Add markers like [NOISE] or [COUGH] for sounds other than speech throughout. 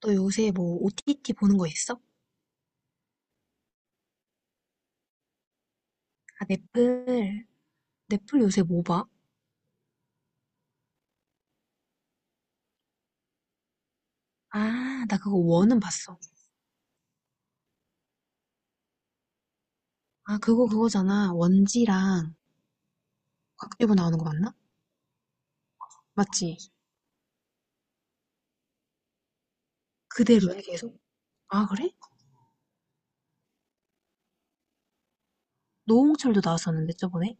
너 요새 뭐 OTT 보는 거 있어? 아, 넷플. 넷플 요새 뭐 봐? 아, 나 그거 원은 봤어. 아, 그거 그거잖아. 원지랑 곽튜브 나오는 거 맞나? 맞지? 그대로야, 계속? 아, 그래? 노홍철도 나왔었는데, 저번에?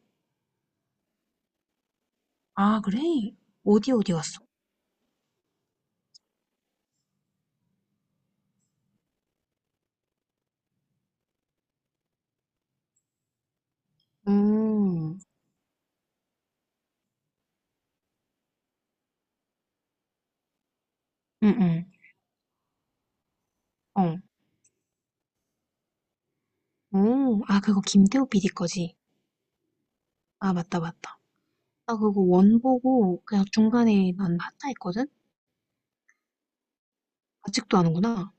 아, 그래? 어디 어디 갔어? 음, 응, 응, 어. 오, 아, 그거 김태호 PD 거지? 아, 맞다, 맞다. 나 그거 원 보고 그냥 중간에 난 하차 했거든? 아직도 하는구나.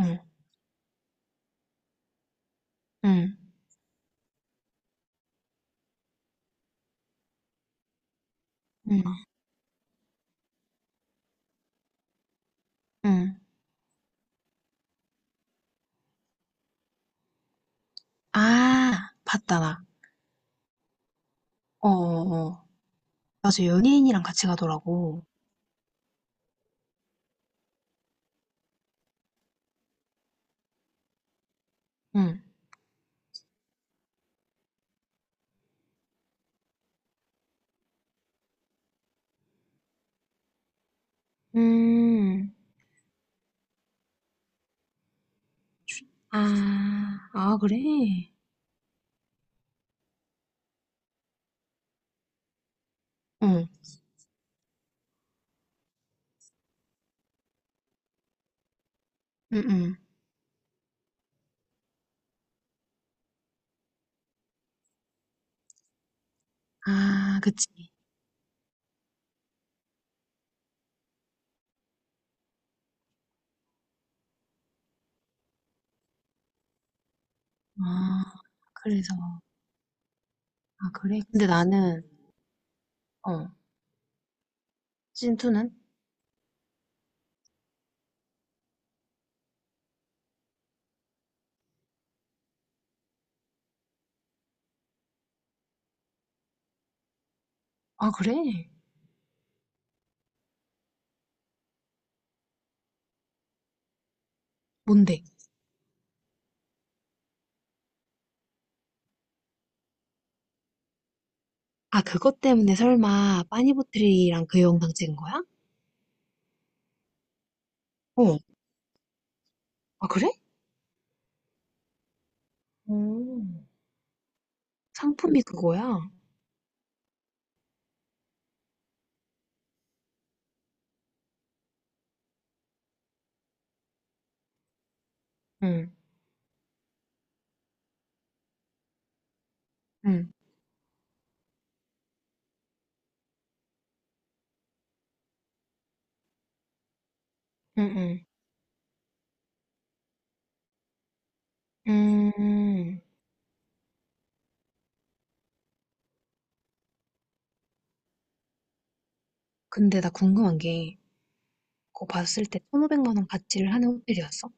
응, 응, 응, 응. 아. 봤다, 나. 어어어. 맞아, 연예인이랑 같이 가더라고. 응. 음, 아, 아, 그래? 응. 응응. 아, 그치. 아, 그래서. 아, 그래? 근데 나는, 어, 신2는? 아, 그래? 뭔데? 아, 그것 때문에 설마 빠니보틀이랑 그 영상 찍은 거야? 어, 아, 그래? 오, 상품이 그거야? 응, 응, 응, 응. 음, 근데 나 궁금한 게, 그거 봤을 때 1,500만 원 가치를 하는 호텔이었어.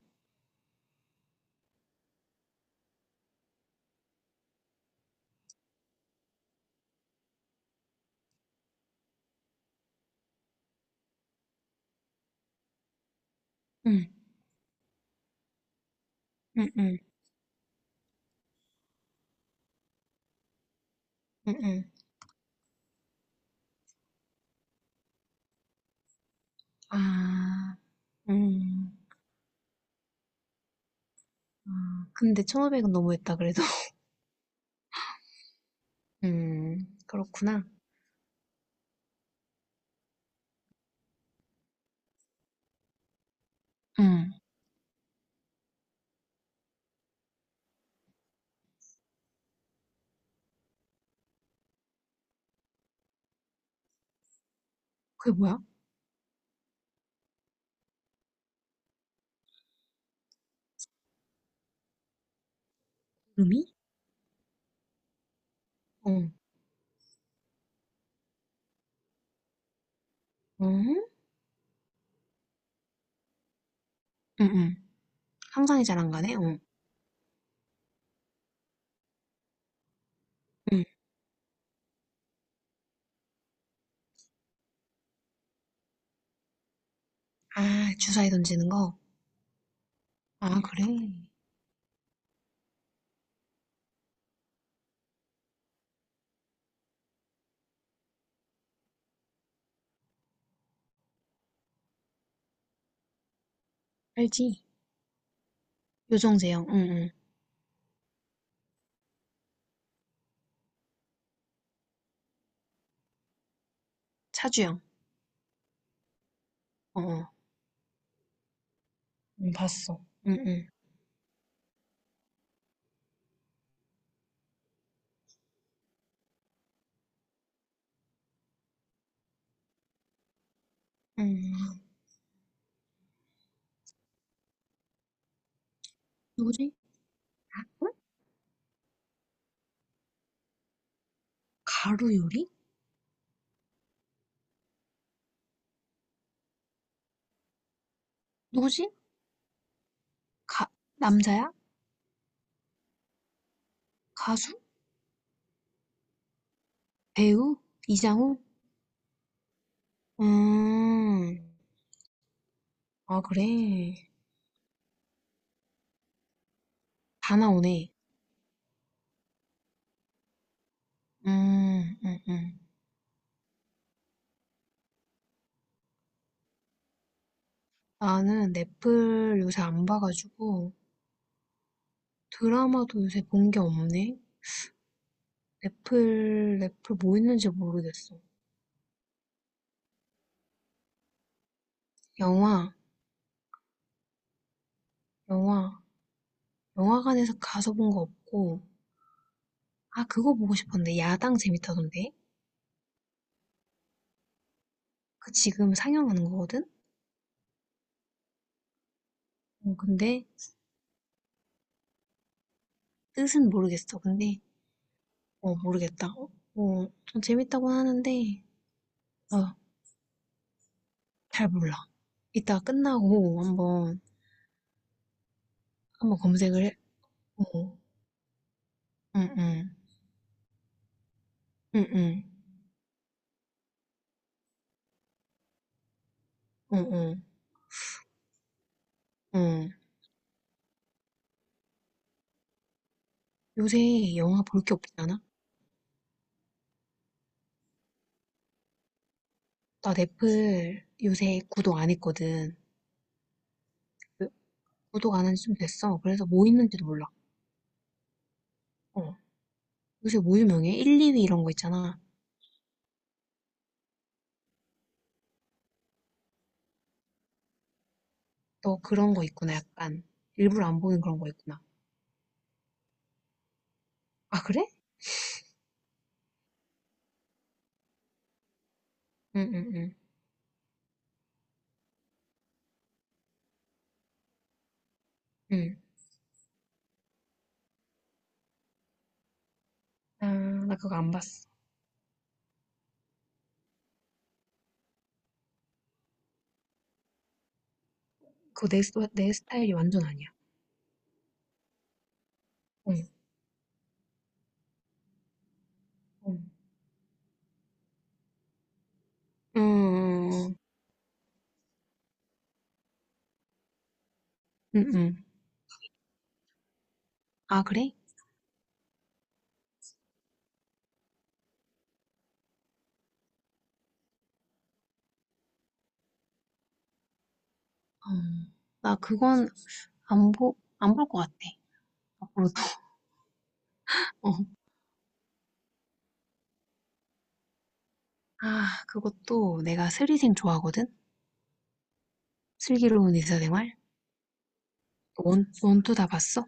응, 응, 응, 응, 응. 아, 음, 아, 근데 1,500은 너무했다, 그래도. [LAUGHS] 그렇구나. 응. 그게 뭐야? 의미? 응, 응? 응, 응. 상상이 잘 안 가네. 응. 응. 아, 주사위 던지는 거. 아, 그래. 알지? 요정재영, 응, 응. 차주영, 어, 어. 응, 봤어. 응, 응. 응. 누구지? 응? 가루 요리? 누구지? 가, 남자야? 가수? 배우? 이장우? 음, 아, 그래. 다 나오네. 음, 음, 음. 나는 넷플 요새 안 봐가지고 드라마도 요새 본 게 없네. 넷플, 넷플 뭐 있는지 모르겠어. 영화, 영화, 영화관에서 가서 본 거 없고. 아, 그거 보고 싶었는데. 야당 재밌다던데. 그 지금 상영하는 거거든? 어, 근데 뜻은 모르겠어. 근데, 어, 모르겠다. 어, 어, 좀 재밌다고 하는데, 아, 잘 몰라. 이따 끝나고 한번 한번 검색을 해. 어, 응, 응, 응, 응, 응, 응, 응. 요새 영화 볼 게 없지 않아? 나 넷플 요새 구독 안 했거든. 그- 구독 안 한 지 좀 됐어. 그래서 뭐 있는지도 몰라. 어, 요새 뭐 유명해? 1, 2위 이런 거 있잖아. 너 그런 거 있구나, 약간. 일부러 안 보는 그런 거 있구나. 아, 그래? 응, 응, 응, 응. 아, 나 그거 안 봤어. 그거 내, 내 스타일이 완전 아니야. 응, 응, 응, 응, 응. 응. 아, 그래? 음. 나 그건 안 볼 것 같아. 앞으로도. [LAUGHS] 어. 아, 그것도 내가 슬리생 좋아하거든? 슬기로운 의사생활? 원, 원투 다 봤어?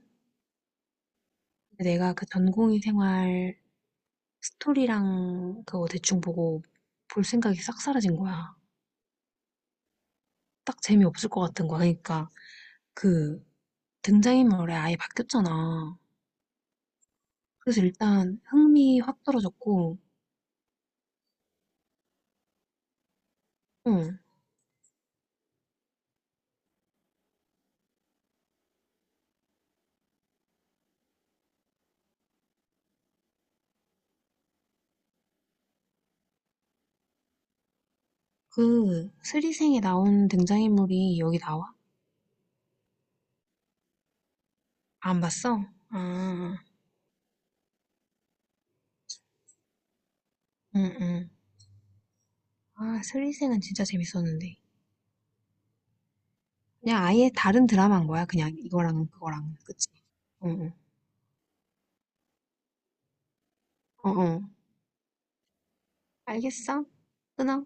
근데 내가 그 전공의 생활 스토리랑 그거 대충 보고 볼 생각이 싹 사라진 거야. 딱 재미없을 것 같은 거야. 그러니까 그 등장인물이 아예 바뀌었잖아. 그래서 일단 흥미 확 떨어졌고, 응. 그 스리생에 나온 등장인물이 여기 나와? 안 봤어? 아, 응응. 아, 슬리생은 진짜 재밌었는데. 그냥 아예 다른 드라마인 거야. 그냥 이거랑 그거랑. 그치? 응응. 어어. 알겠어? 끊어.